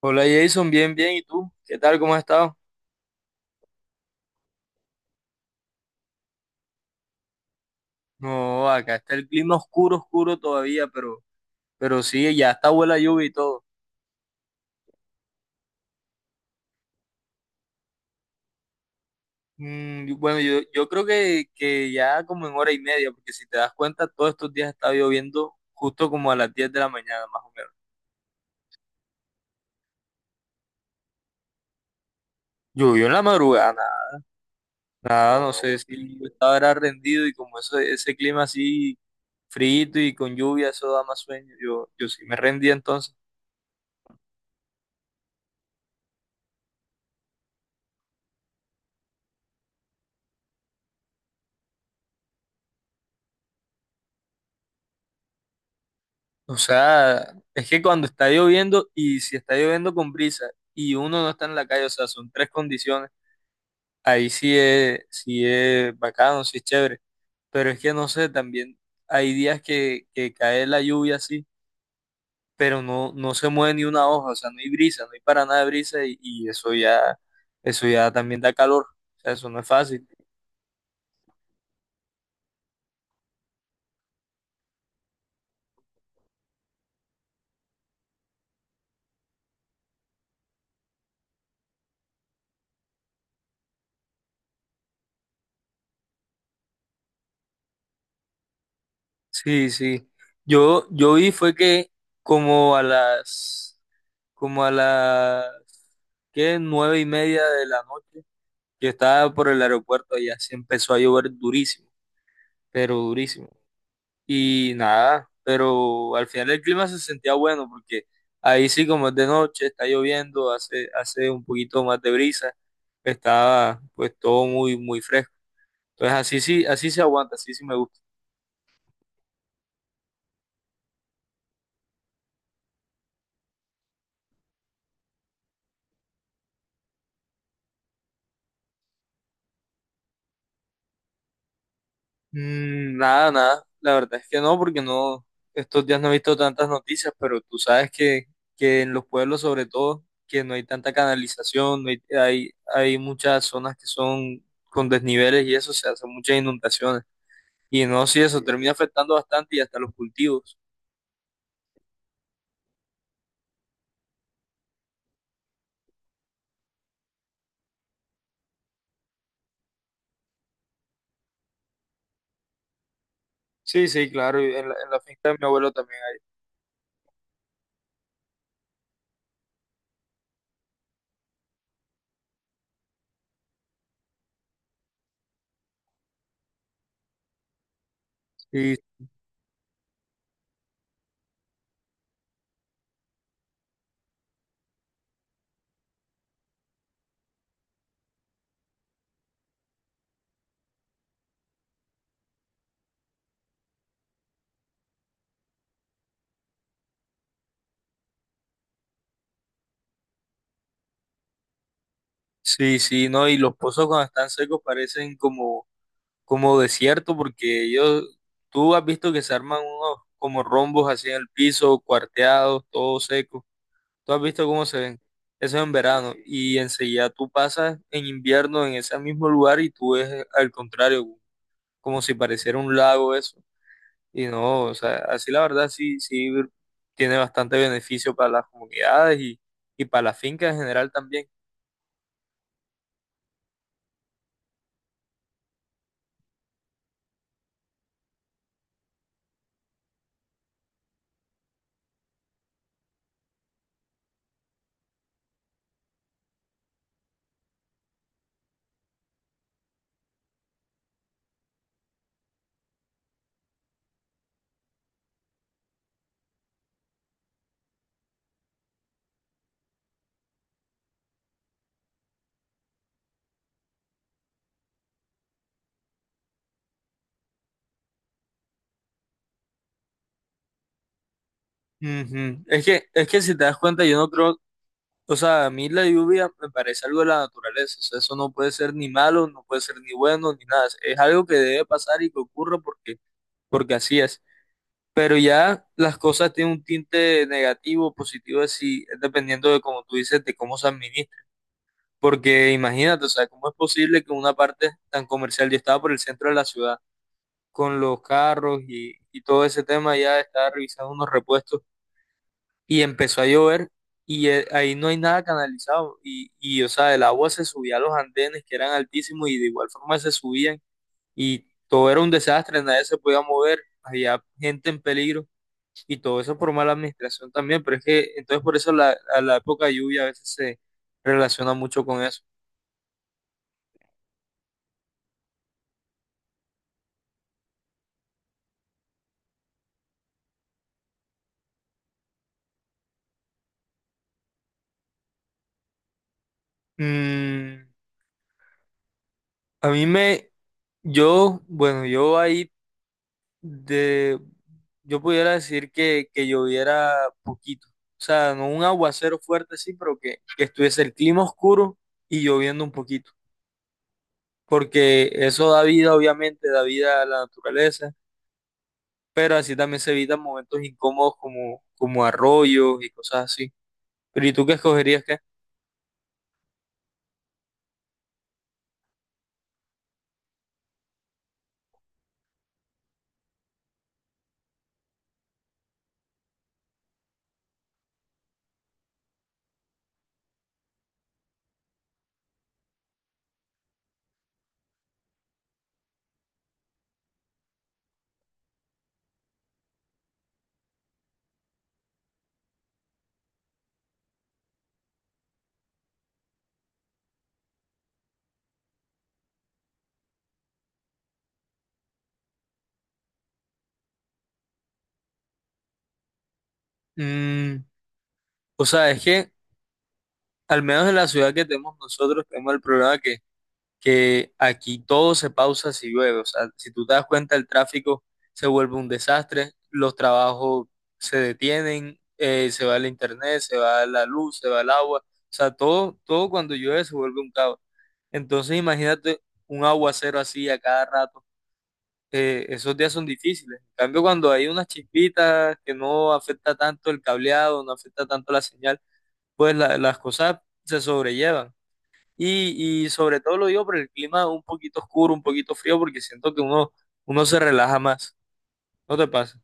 Hola Jason, bien, bien. ¿Y tú? ¿Qué tal? ¿Cómo has estado? No, acá está el clima oscuro, oscuro todavía, pero sí, ya está buena lluvia y todo. Y bueno, yo creo que ya como en hora y media, porque si te das cuenta, todos estos días está lloviendo justo como a las 10 de la mañana, más o menos. Llovió en la madrugada, nada, nada, no sé si yo estaba era rendido y como eso, ese clima así frito y con lluvia, eso da más sueño. Yo sí me rendí entonces. O sea, es que cuando está lloviendo y si está lloviendo con brisa y uno no está en la calle, o sea, son tres condiciones, ahí sí es bacano, sí es chévere. Pero es que no sé, también hay días que cae la lluvia así, pero no, no se mueve ni una hoja, o sea, no hay brisa, no hay para nada de brisa y eso ya también da calor. O sea, eso no es fácil. Sí, sí. Yo vi fue que como a las como a las ¿qué? 9:30 de la noche. Yo estaba por el aeropuerto y así empezó a llover durísimo, pero durísimo. Y nada, pero al final el clima se sentía bueno porque ahí sí como es de noche, está lloviendo, hace un poquito más de brisa, estaba pues todo muy, muy fresco. Entonces así sí, así se aguanta, así sí me gusta. Mm. Nada, nada. La verdad es que no, porque no, estos días no he visto tantas noticias, pero tú sabes que en los pueblos sobre todo, que no hay tanta canalización, no hay muchas zonas que son con desniveles y eso, se hacen muchas inundaciones. Y no, sí, eso termina afectando bastante y hasta los cultivos. Sí, sí, claro, y en la finca de mi abuelo también hay. Y sí, sí, no, y los pozos cuando están secos parecen como desierto, porque ellos, tú has visto que se arman unos como rombos así en el piso, cuarteados, todo seco. Tú has visto cómo se ven. Eso es en verano. Y enseguida tú pasas en invierno en ese mismo lugar y tú ves al contrario, como si pareciera un lago eso. Y no, o sea, así la verdad sí, sí tiene bastante beneficio para las comunidades y para la finca en general también. Ujú. Es que si te das cuenta, yo no creo. O sea, a mí la lluvia me parece algo de la naturaleza, o sea, eso no puede ser ni malo, no puede ser ni bueno, ni nada, es algo que debe pasar y que ocurra porque, porque así es. Pero ya las cosas tienen un tinte negativo, positivo, así, es dependiendo de como tú dices, de cómo se administra. Porque imagínate, o sea, cómo es posible que una parte tan comercial, yo estaba por el centro de la ciudad, con los carros y todo ese tema, ya estaba revisando unos repuestos y empezó a llover y ahí no hay nada canalizado y, o sea, el agua se subía a los andenes que eran altísimos y de igual forma se subían y todo era un desastre, nadie se podía mover, había gente en peligro y todo eso por mala administración también, pero es que entonces por eso la, a la época de lluvia a veces se relaciona mucho con eso. Mm, a mí me, yo, bueno, de, yo pudiera decir que lloviera poquito. O sea, no un aguacero fuerte, sí, pero que estuviese el clima oscuro y lloviendo un poquito. Porque eso da vida, obviamente, da vida a la naturaleza, pero así también se evitan momentos incómodos como, como arroyos y cosas así. Pero ¿y tú qué escogerías qué? Mm, o sea, es que al menos en la ciudad que tenemos nosotros tenemos el problema que aquí todo se pausa si llueve. O sea, si tú te das cuenta, el tráfico se vuelve un desastre, los trabajos se detienen, se va el internet, se va la luz, se va el agua. O sea, todo, todo cuando llueve se vuelve un caos. Entonces, imagínate un aguacero así a cada rato. Esos días son difíciles. En cambio, cuando hay unas chispitas que no afecta tanto el cableado, no afecta tanto la señal, pues las cosas se sobrellevan. Y sobre todo lo digo por el clima un poquito oscuro, un poquito frío, porque siento que uno se relaja más. ¿No te pasa?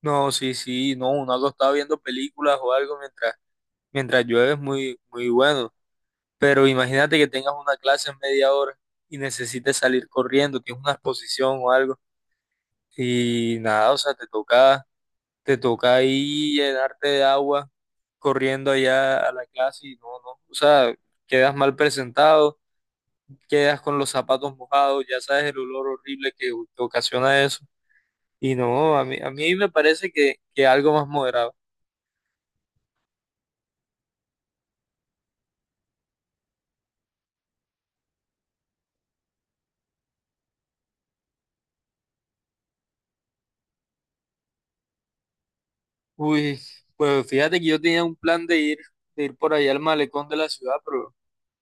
No, sí, sí, no, uno algo está viendo películas o algo mientras llueve es muy, muy bueno. Pero imagínate que tengas una clase en media hora y necesites salir corriendo, tienes una exposición o algo. Y nada, o sea, te toca ahí llenarte de agua corriendo allá a la clase y no, no, o sea, quedas mal presentado, quedas con los zapatos mojados, ya sabes el olor horrible que ocasiona eso. Y no, a mí me parece que algo más moderado. Uy, pues fíjate que yo tenía un plan de ir por allá al malecón de la ciudad, pero,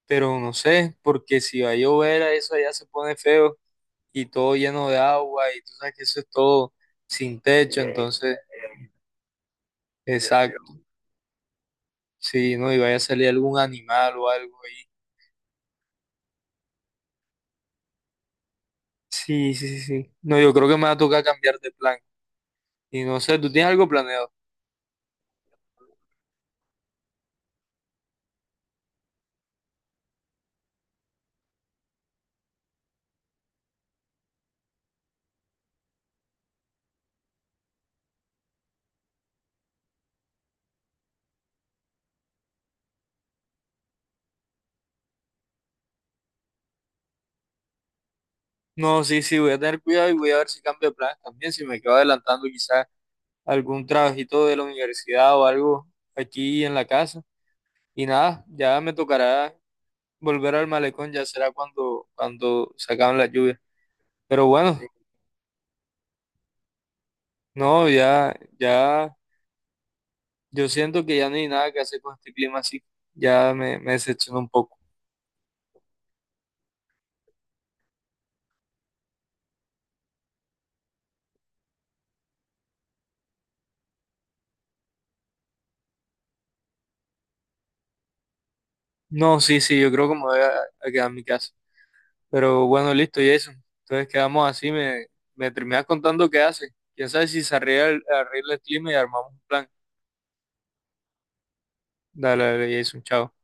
pero no sé, porque si va a llover, a eso allá se pone feo y todo lleno de agua y tú sabes que eso es todo sin techo. Entonces, exacto, sí, no, y vaya a salir algún animal o algo ahí. Sí, sí, sí, sí. No, yo creo que me va a tocar cambiar de plan. Y no sé, ¿tú tienes algo planeado? No, sí, sí, voy a tener cuidado y voy a ver si cambio de planes también, si me quedo adelantando quizás algún trabajito de la universidad o algo aquí en la casa. Y nada, ya me tocará volver al malecón, ya será cuando se acaben las lluvias. Pero bueno, no, ya, ya, yo siento que ya no hay nada que hacer con este clima así, ya me, decepcionó un poco. No, sí, sí, yo creo que me voy a quedar en mi casa. Pero bueno, listo, Jason. Entonces quedamos así, me, terminas contando qué hace. Quién sabe si se arregla el clima y armamos un plan. Dale, dale, Jason, chao.